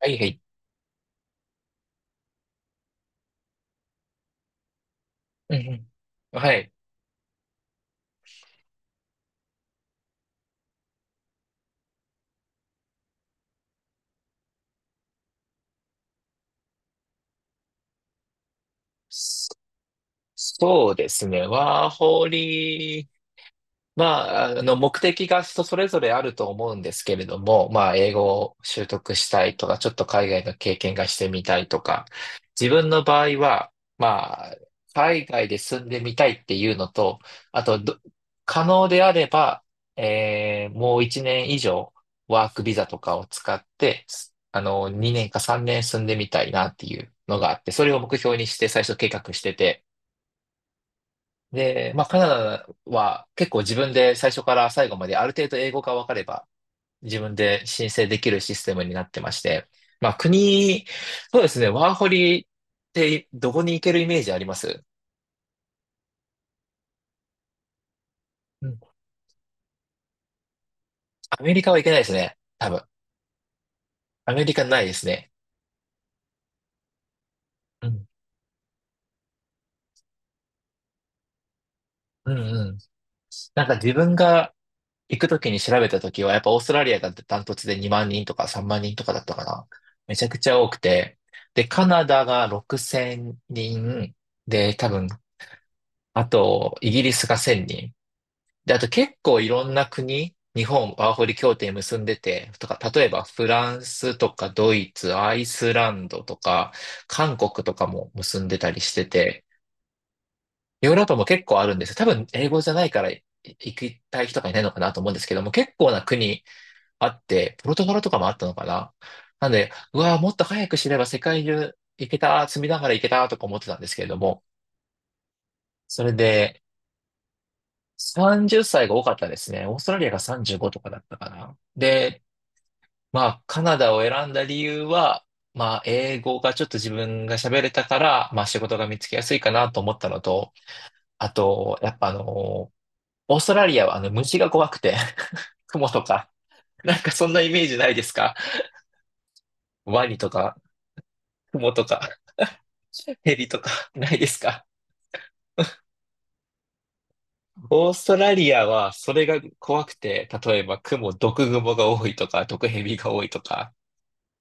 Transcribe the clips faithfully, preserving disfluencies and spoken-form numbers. はいはい。うんうん。はい。そそうですね。ワーホリまあ、あの、目的が人それぞれあると思うんですけれども、まあ、英語を習得したいとか、ちょっと海外の経験がしてみたいとか、自分の場合は、まあ、海外で住んでみたいっていうのと、あとど、可能であれば、えーもういちねん以上、ワークビザとかを使って、あの、にねんかさんねん住んでみたいなっていうのがあって、それを目標にして最初計画してて、で、まあ、カナダは結構自分で最初から最後まである程度英語が分かれば自分で申請できるシステムになってまして、まあ、国、そうですね、ワーホリってどこに行けるイメージあります？うん。アメリカは行けないですね。多分。アメリカないですね。うん。うんうん。なんか自分が行くときに調べたときは、やっぱオーストラリアがダントツでにまん人とかさんまん人とかだったかな。めちゃくちゃ多くて。で、カナダがろくせんにん。で、多分あと、イギリスがせんにん。で、あと結構いろんな国、日本ワーホリ協定結んでて、とか、例えばフランスとかドイツ、アイスランドとか、韓国とかも結んでたりしてて、ヨーロッパも結構あるんですよ。多分英語じゃないから行きたい人がいないのかなと思うんですけども、結構な国あって、ポルトガルとかもあったのかな。なんで、うわーもっと早く知れば世界中行けた、積みながら行けたとか思ってたんですけれども、それで、さんじゅっさいが多かったですね。オーストラリアがさんじゅうごとかだったかな。で、まあ、カナダを選んだ理由は、まあ、英語がちょっと自分が喋れたから、まあ、仕事が見つけやすいかなと思ったのと、あと、やっぱあの、オーストラリアはあの、虫が怖くて、クモとか、なんかそんなイメージないですか？ワニとか、クモとか、ヘビとか、ないですか？オーストラリアはそれが怖くて、例えばクモ、毒グモが多いとか、毒ヘビが多いとか、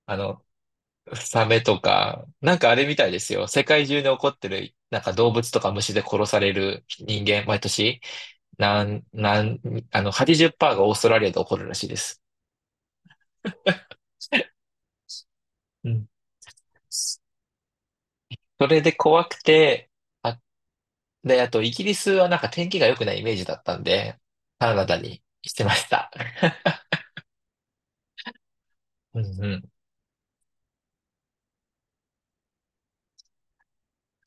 あの、サメとか、なんかあれみたいですよ。世界中で起こってる、なんか動物とか虫で殺される人間、毎年、なん、なん、あの、はちじゅうパーセントがオーストラリアで起こるらしいです。うん。それで怖くて、あ、で、あと、イギリスはなんか天気が良くないイメージだったんで、カナダにしてました。うんうん。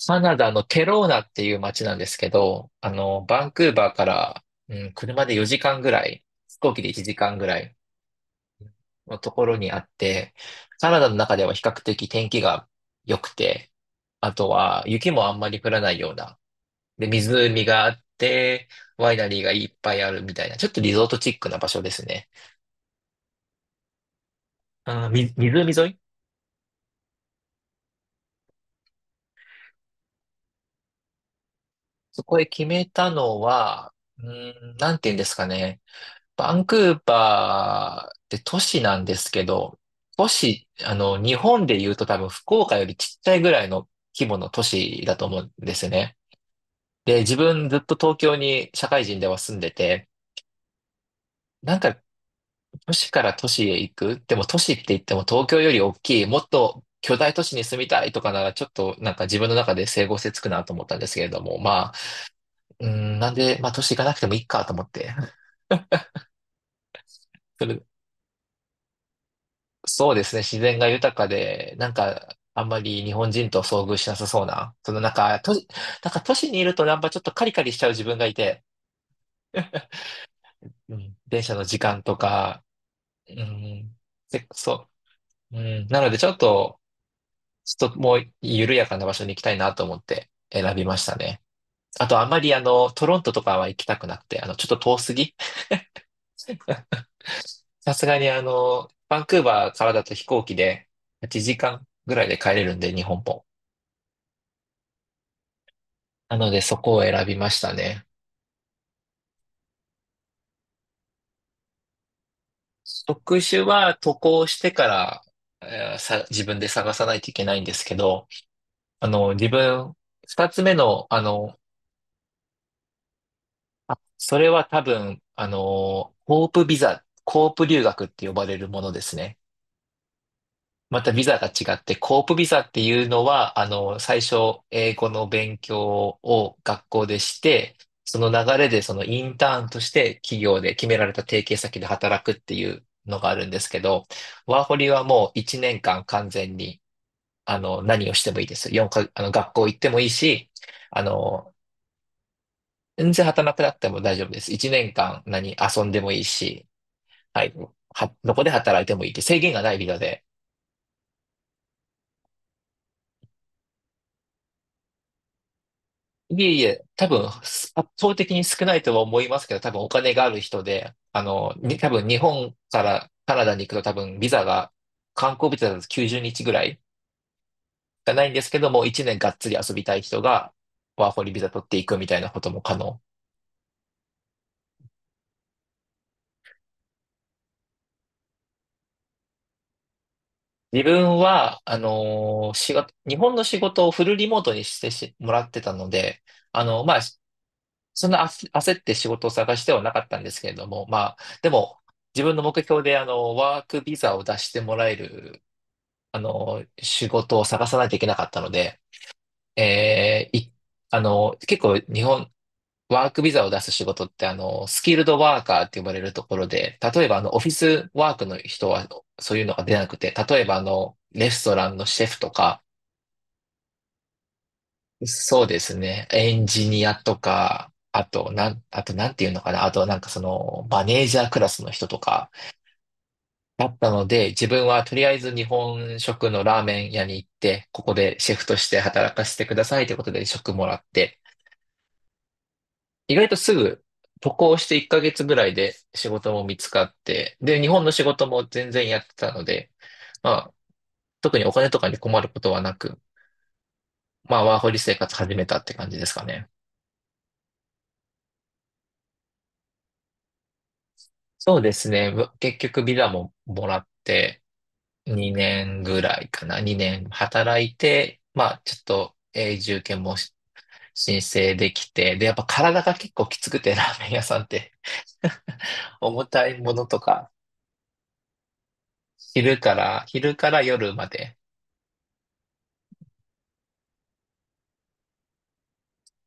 カナダのケローナっていう街なんですけど、あの、バンクーバーから、うん、車でよじかんぐらい、飛行機でいちじかんぐらいのところにあって、カナダの中では比較的天気が良くて、あとは雪もあんまり降らないような、で、湖があって、ワイナリーがいっぱいあるみたいな、ちょっとリゾートチックな場所ですね。あー、み、湖沿い。そこへ決めたのは、うーん、なんて言うんですかね。バンクーバーって都市なんですけど、都市、あの、日本で言うと多分福岡よりちっちゃいぐらいの規模の都市だと思うんですね。で、自分ずっと東京に社会人では住んでて、なんか都市から都市へ行く、でも都市って言っても東京より大きい、もっと巨大都市に住みたいとかならちょっとなんか自分の中で整合性つくなと思ったんですけれども、まあ、うーん、なんで、まあ都市行かなくてもいいかと思って。それ、そうですね、自然が豊かで、なんかあんまり日本人と遭遇しなさそうな、そのなんか都市、なんか都市にいるとなんかちょっとカリカリしちゃう自分がいて、うん、電車の時間とか、うん、せそううん、なので、ちょっと、ちょっともう緩やかな場所に行きたいなと思って選びましたね。あと、あまりあの、トロントとかは行きたくなくて、あの、ちょっと遠すぎ。さすがにあの、バンクーバーからだと飛行機ではちじかんぐらいで帰れるんで、日本も。なので、そこを選びましたね。職種は渡航してから、えーさ、自分で探さないといけないんですけど、あの、自分、二つ目の、あの、あ、それは多分、あのー、コープビザ、コープ留学って呼ばれるものですね。またビザが違って、コープビザっていうのは、あのー、最初、英語の勉強を学校でして、その流れでそのインターンとして企業で決められた提携先で働くっていうのがあるんですけど、ワーホリはもういちねんかん完全に、あの、何をしてもいいです。4か、あの、学校行ってもいいし、あのー、全然働かなくなっても大丈夫です。いちねんかん何遊んでもいいし、はい、は、どこで働いてもいいって制限がないビザで。いえいえ、多分、圧倒的に少ないとは思いますけど、多分お金がある人で、あの、に多分日本からカナダに行くと多分ビザが、観光ビザだときゅうじゅうにちぐらいがないんですけども、いちねんがっつり遊びたい人がワーホリビザ取っていくみたいなことも可能。自分は、あのー仕事、日本の仕事をフルリモートにしてしもらってたので、あの、まあ、そんな焦焦って仕事を探してはなかったんですけれども、まあ、でも、自分の目標で、あの、ワークビザを出してもらえる、あの、仕事を探さないといけなかったので、えーい、あの、結構日本、ワークビザを出す仕事って、あの、スキルドワーカーって呼ばれるところで、例えば、あの、オフィスワークの人は、そういうのが出なくて、例えば、あの、レストランのシェフとか、そうですね。エンジニアとか、あと、なん、あと、なんていうのかな。あと、なんかその、マネージャークラスの人とかだったので、自分はとりあえず日本食のラーメン屋に行って、ここでシェフとして働かせてくださいということで職もらって、意外とすぐ渡航していっかげつぐらいで仕事も見つかって、で、日本の仕事も全然やってたので、まあ、特にお金とかに困ることはなく、まあ、ワーホリ生活始めたって感じですかね。そうですね。ぶ結局ビザももらってにねんぐらいかな。にねん働いて、まあちょっと永住権もし申請できて、で、やっぱ体が結構きつくて、ラーメン屋さんって。重たいものとか、昼から、昼から夜まで。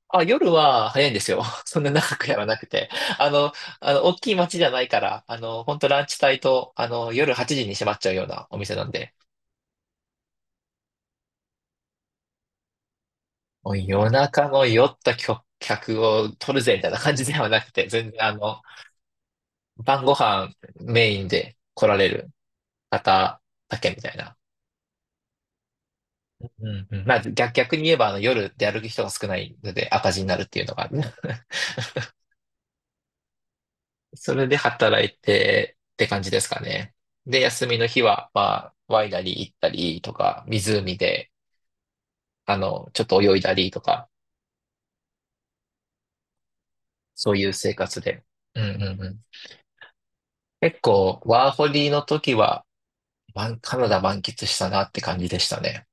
あ、夜は早いんですよ。そんな長くやらなくて。あの、あの、大きい街じゃないから、あの、本当ランチ帯と、あの、夜はちじに閉まっちゃうようなお店なんで。もう夜中の酔った客客を取るぜみたいな感じではなくて、全然あの、晩ご飯メインで来られる方だけみたいな。うんうん、まあ逆、逆に言えばあの夜で歩く人が少ないので赤字になるっていうのがある。それで働いてって感じですかね。で、休みの日は、まあ、ワイナリー行ったりとか、湖で、あの、ちょっと泳いだりとか、そういう生活で。うんうんうん。結構、ワーホリの時は、まカナダ満喫したなって感じでしたね。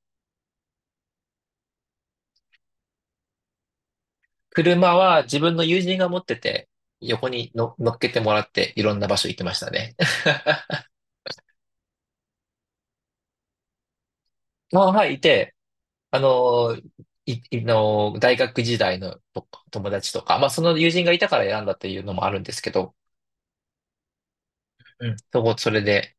車は自分の友人が持ってて、横にの乗っけてもらって、いろんな場所行ってましたね。まあ、はい、いて、あのー、い、いのー、大学時代のと友達とか、まあ、その友人がいたから選んだっていうのもあるんですけど、うん、そこ、それで、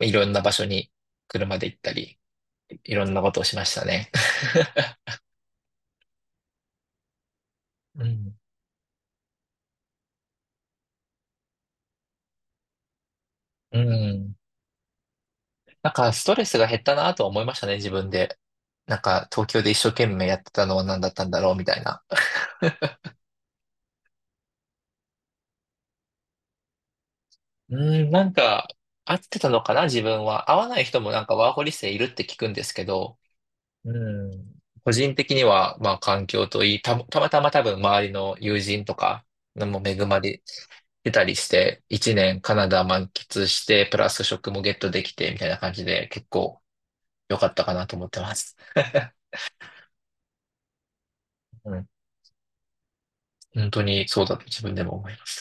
いろんな場所に車で行ったり、いろんなことをしましたね。うん。うん。なんか、ストレスが減ったなとは思いましたね、自分で。なんか、東京で一生懸命やってたのは何だったんだろう、みたいな。うん、なんか、合ってたのかな、自分は。合わない人もなんかワーホリ生いるって聞くんですけど、うん、個人的には、まあ、環境といい、た、たまたま多分周りの友人とか、も恵まれてたりして、いちねんカナダ満喫して、プラス職もゲットできて、みたいな感じで、結構良かったかなと思ってます。うん、本当にそうだと自分でも思います。